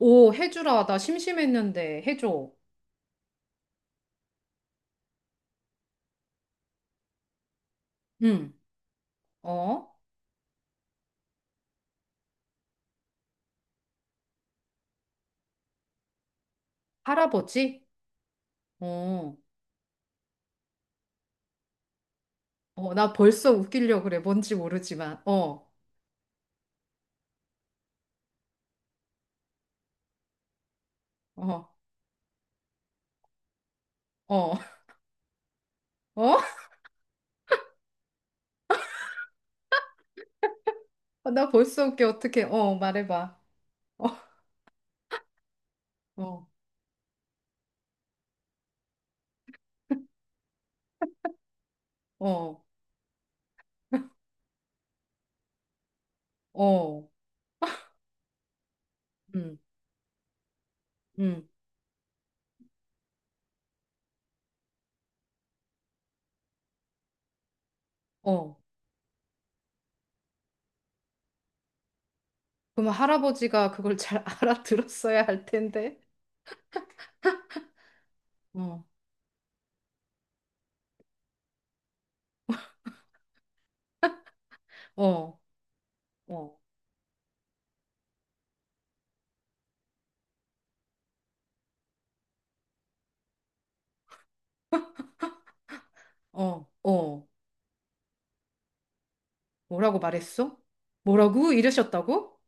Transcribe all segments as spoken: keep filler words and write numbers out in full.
오, 해주라. 나 심심했는데 해줘. 응. 어? 할아버지? 어. 어, 나 벌써 웃기려 그래. 뭔지 모르지만. 어. 어. 어. 어? 아, 나 벌써 웃겨. 어떡해. 어, 말해봐. 어. 어. 어. 어. 응. 응. 어. 그럼 할아버지가 그걸 잘 알아들었어야 할 텐데. 어. 어. 어. 어. 어. 뭐라고 말했어? 뭐라고? 이러셨다고?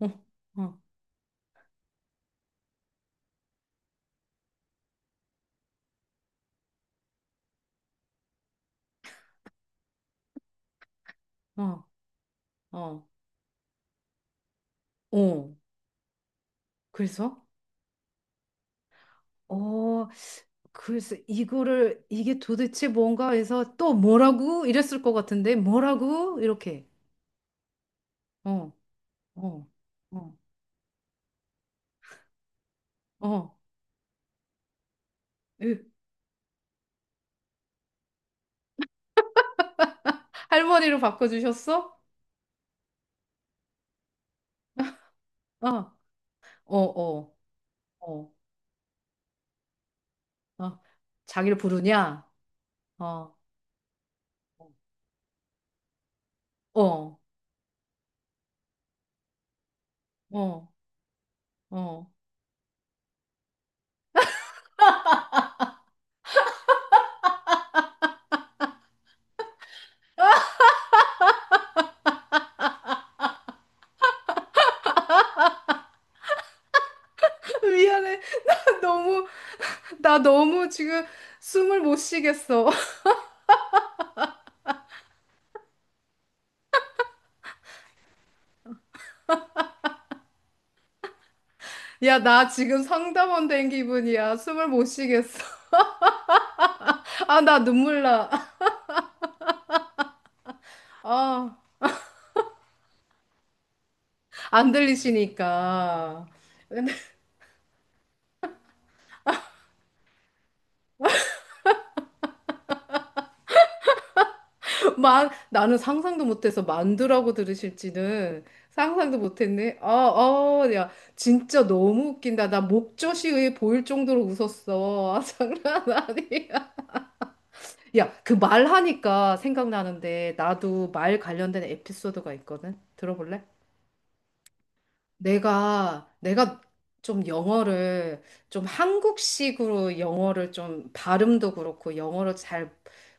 어. 어. 어. 어. 어. 그래서 어 그래서 이거를 이게 도대체 뭔가 해서 또 뭐라고 이랬을 것 같은데 뭐라고 이렇게 어 어 어 어 할머니로 바꿔주셨어? 어 어 어 어 어 자기를 부르냐? 어 어 어 어 미안해. 너무 나 너무 지금 숨을 못 쉬겠어. 야, 나 지금 상담원 된 기분이야. 숨을 못 쉬겠어. 아, 나 눈물 나. 아, 안 들리시니까. 근데 만, 나는 상상도 못해서 만두라고 들으실지는 상상도 못했네. 아, 아, 야, 진짜 너무 웃긴다. 나 목젖이 보일 정도로 웃었어. 아, 장난 아니야. 야, 그 말하니까 생각나는데 나도 말 관련된 에피소드가 있거든. 들어볼래? 내가, 내가 좀 영어를, 좀 한국식으로 영어를 좀 발음도 그렇고 영어를 잘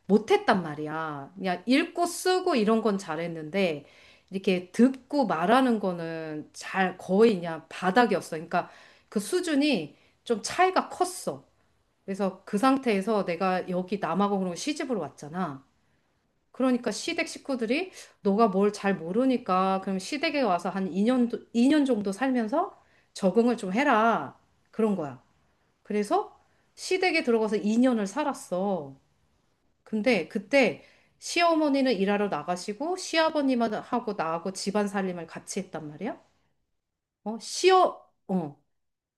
못했단 말이야. 그냥 읽고 쓰고 이런 건 잘했는데, 이렇게 듣고 말하는 거는 잘 거의 그냥 바닥이었어. 그러니까 그 수준이 좀 차이가 컸어. 그래서 그 상태에서 내가 여기 남아공으로 시집을 왔잖아. 그러니까 시댁 식구들이 너가 뭘 잘 모르니까 그럼 시댁에 와서 한 이 년, 이 년 정도 살면서 적응을 좀 해라. 그런 거야. 그래서 시댁에 들어가서 이 년을 살았어. 근데 그때 시어머니는 일하러 나가시고 시아버님하고 나하고 집안 살림을 같이 했단 말이야. 어, 시어, 어,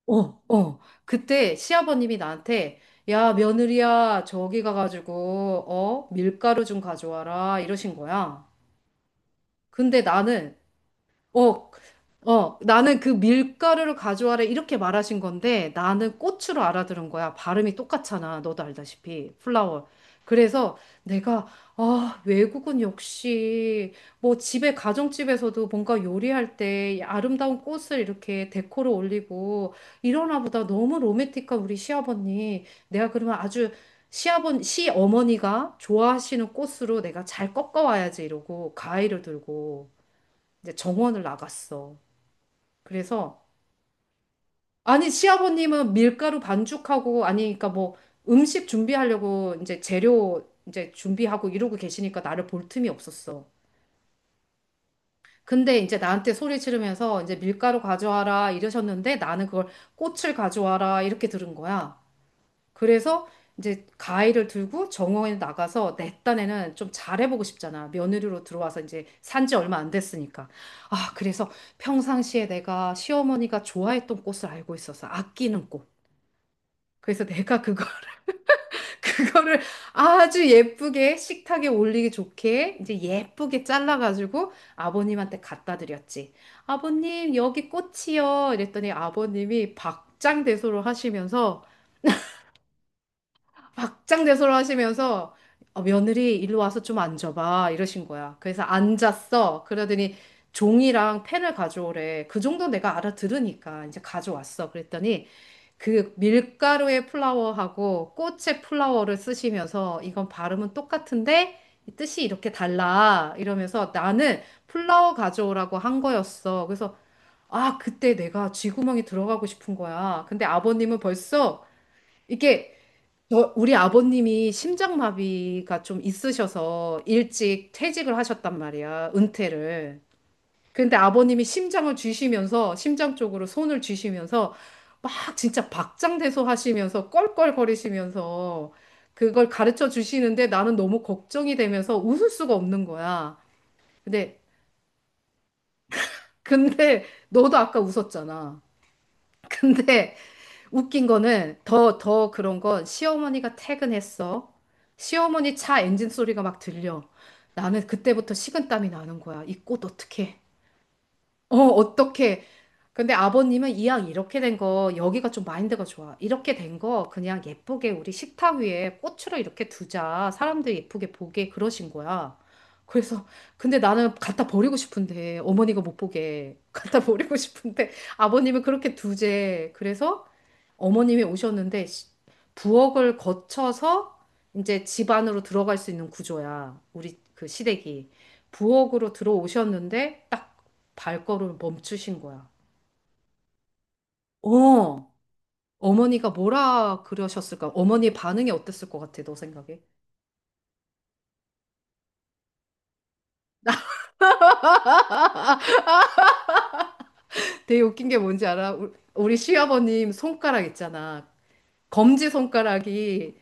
어, 어. 그때 시아버님이 나한테 야, 며느리야, 저기 가가지고, 어, 밀가루 좀 가져와라. 이러신 거야. 근데 나는, 어, 어, 나는 그 밀가루를 가져와라 이렇게 말하신 건데 나는 고추로 알아들은 거야. 발음이 똑같잖아. 너도 알다시피. 플라워. 그래서 내가, 아, 외국은 역시 뭐 집에, 가정집에서도 뭔가 요리할 때 아름다운 꽃을 이렇게 데코로 올리고 이러나 보다. 너무 로맨틱한 우리 시아버님. 내가 그러면 아주 시아버, 시어머니가 좋아하시는 꽃으로 내가 잘 꺾어와야지 이러고 가위를 들고. 이제 정원을 나갔어. 그래서 아니 시아버님은 밀가루 반죽하고 아니 그러니까 뭐 음식 준비하려고 이제 재료 이제 준비하고 이러고 계시니까 나를 볼 틈이 없었어. 근데 이제 나한테 소리 지르면서 이제 밀가루 가져와라 이러셨는데 나는 그걸 꽃을 가져와라 이렇게 들은 거야. 그래서 이제 가위를 들고 정원에 나가서 내 딴에는 좀 잘해보고 싶잖아. 며느리로 들어와서 이제 산지 얼마 안 됐으니까. 아, 그래서 평상시에 내가 시어머니가 좋아했던 꽃을 알고 있어서 아끼는 꽃. 그래서 내가 그거, 그거를 아주 예쁘게 식탁에 올리기 좋게 이제 예쁘게 잘라가지고 아버님한테 갖다 드렸지. 아버님, 여기 꽃이요. 이랬더니 아버님이 박장대소를 하시면서 박장대소를 하시면서 어, 며느리 일로 와서 좀 앉아봐 이러신 거야. 그래서 앉았어. 그러더니 종이랑 펜을 가져오래. 그 정도 내가 알아들으니까 이제 가져왔어. 그랬더니 그 밀가루의 플라워하고 꽃의 플라워를 쓰시면서 이건 발음은 똑같은데 이 뜻이 이렇게 달라 이러면서 나는 플라워 가져오라고 한 거였어. 그래서 아, 그때 내가 쥐구멍에 들어가고 싶은 거야. 근데 아버님은 벌써 이게 저, 우리 아버님이 심장마비가 좀 있으셔서 일찍 퇴직을 하셨단 말이야, 은퇴를. 근데 아버님이 심장을 쥐시면서, 심장 쪽으로 손을 쥐시면서, 막 진짜 박장대소 하시면서, 껄껄거리시면서, 그걸 가르쳐 주시는데 나는 너무 걱정이 되면서 웃을 수가 없는 거야. 근데, 근데, 너도 아까 웃었잖아. 근데, 웃긴 거는 더, 더 그런 건 시어머니가 퇴근했어. 시어머니 차 엔진 소리가 막 들려. 나는 그때부터 식은땀이 나는 거야. 이 꽃 어떡해? 어, 어떡해? 근데 아버님은 이왕 이렇게 된 거, 여기가 좀 마인드가 좋아. 이렇게 된 거 그냥 예쁘게 우리 식탁 위에 꽃으로 이렇게 두자. 사람들 예쁘게 보게 그러신 거야. 그래서 근데 나는 갖다 버리고 싶은데 어머니가 못 보게 갖다 버리고 싶은데 아버님은 그렇게 두제. 그래서 어머님이 오셨는데 시- 부엌을 거쳐서 이제 집 안으로 들어갈 수 있는 구조야. 우리 그 시댁이. 부엌으로 들어오셨는데 딱 발걸음을 멈추신 거야. 어, 어머니가 뭐라 그러셨을까? 어머니 반응이 어땠을 것 같아, 너 생각에? 되게 웃긴 게 뭔지 알아? 우- 우리 시아버님 손가락 있잖아. 검지 손가락이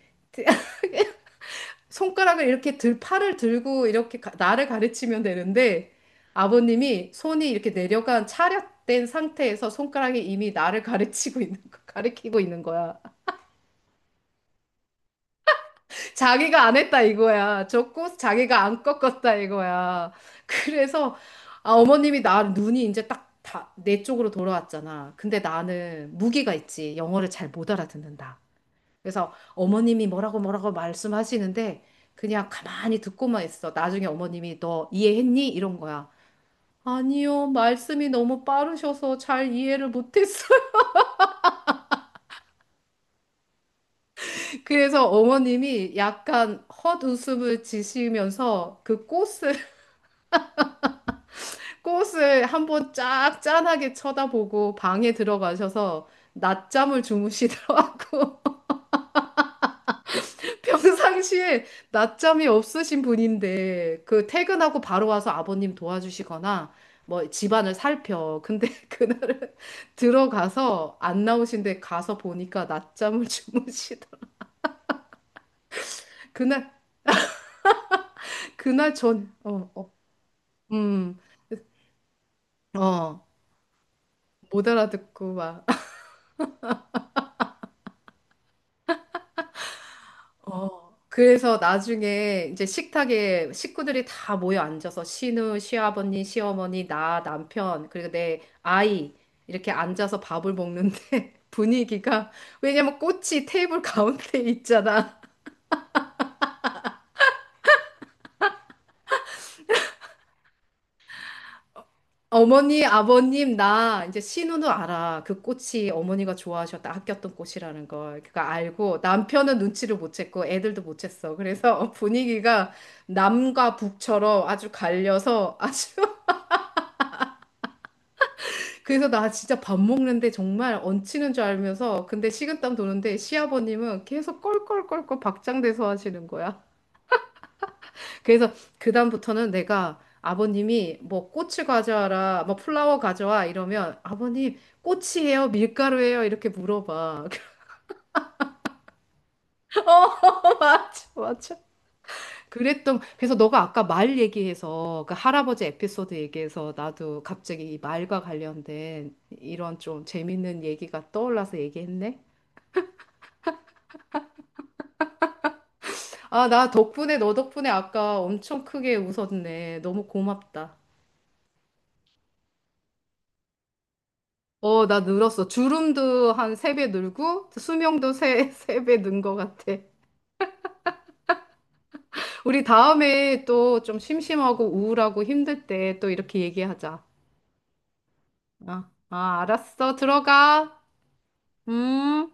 손가락을 이렇게 들, 팔을 들고 이렇게 가- 나를 가르치면 되는데 아버님이 손이 이렇게 내려간 차렷된 상태에서 손가락이 이미 나를 가르치고 있는 거, 가르치고 있는 거야. 자기가 안 했다 이거야. 줬고 자기가 안 꺾었다 이거야. 그래서 아, 어머님이 나 눈이 이제 딱 다, 내 쪽으로 돌아왔잖아. 근데 나는 무기가 있지. 영어를 잘 못 알아듣는다. 그래서 어머님이 뭐라고 뭐라고 말씀하시는데 그냥 가만히 듣고만 있어. 나중에 어머님이 너 이해했니? 이런 거야. 아니요, 말씀이 너무 빠르셔서 잘 이해를 못했어요. 그래서 어머님이 약간 헛웃음을 지시면서 그 꽃을, 꽃을 한번 쫙 짠하게 쳐다보고 방에 들어가셔서 낮잠을 주무시더라고. 평상시에 낮잠이 없으신 분인데 그 퇴근하고 바로 와서 아버님 도와주시거나 뭐 집안을 살펴. 근데 그날은 들어가서 안 나오신데 가서 보니까 낮잠을 주무시더라. 그날 그날 전 어, 어, 음, 어, 못 알아듣고 어, 그래서 나중에 이제 식탁에 식구들이 다 모여 앉아서 시누, 시아버님, 시어머니, 나, 남편, 그리고 내 아이 이렇게 앉아서 밥을 먹는데 분위기가 왜냐면 꽃이 테이블 가운데 있잖아. 어머니, 아버님, 나 이제 시누는 알아. 그 꽃이 어머니가 좋아하셨다, 아꼈던 꽃이라는 걸. 그거 알고 남편은 눈치를 못 챘고 애들도 못 챘어. 그래서 분위기가 남과 북처럼 아주 갈려서 아주 그래서 나 진짜 밥 먹는데 정말 얹히는 줄 알면서 근데 식은땀 도는데 시아버님은 계속 껄껄껄껄 박장대소 하시는 거야. 그래서 그다음부터는 내가 아버님이 뭐 꽃을 가져와라, 뭐 플라워 가져와 이러면 아버님 꽃이에요, 밀가루예요 이렇게 물어봐. 어 맞아 맞아. 그랬던 그래서 너가 아까 말 얘기해서 그 할아버지 에피소드 얘기해서 나도 갑자기 이 말과 관련된 이런 좀 재밌는 얘기가 떠올라서 얘기했네. 아, 나 덕분에, 너 덕분에 아까 엄청 크게 웃었네. 너무 고맙다. 어, 나 늘었어. 주름도 한 세 배 늘고, 수명도 세, 세 배 는 것 같아. 우리 다음에 또 좀 심심하고 우울하고 힘들 때 또 이렇게 얘기하자. 아, 아, 알았어. 들어가. 음.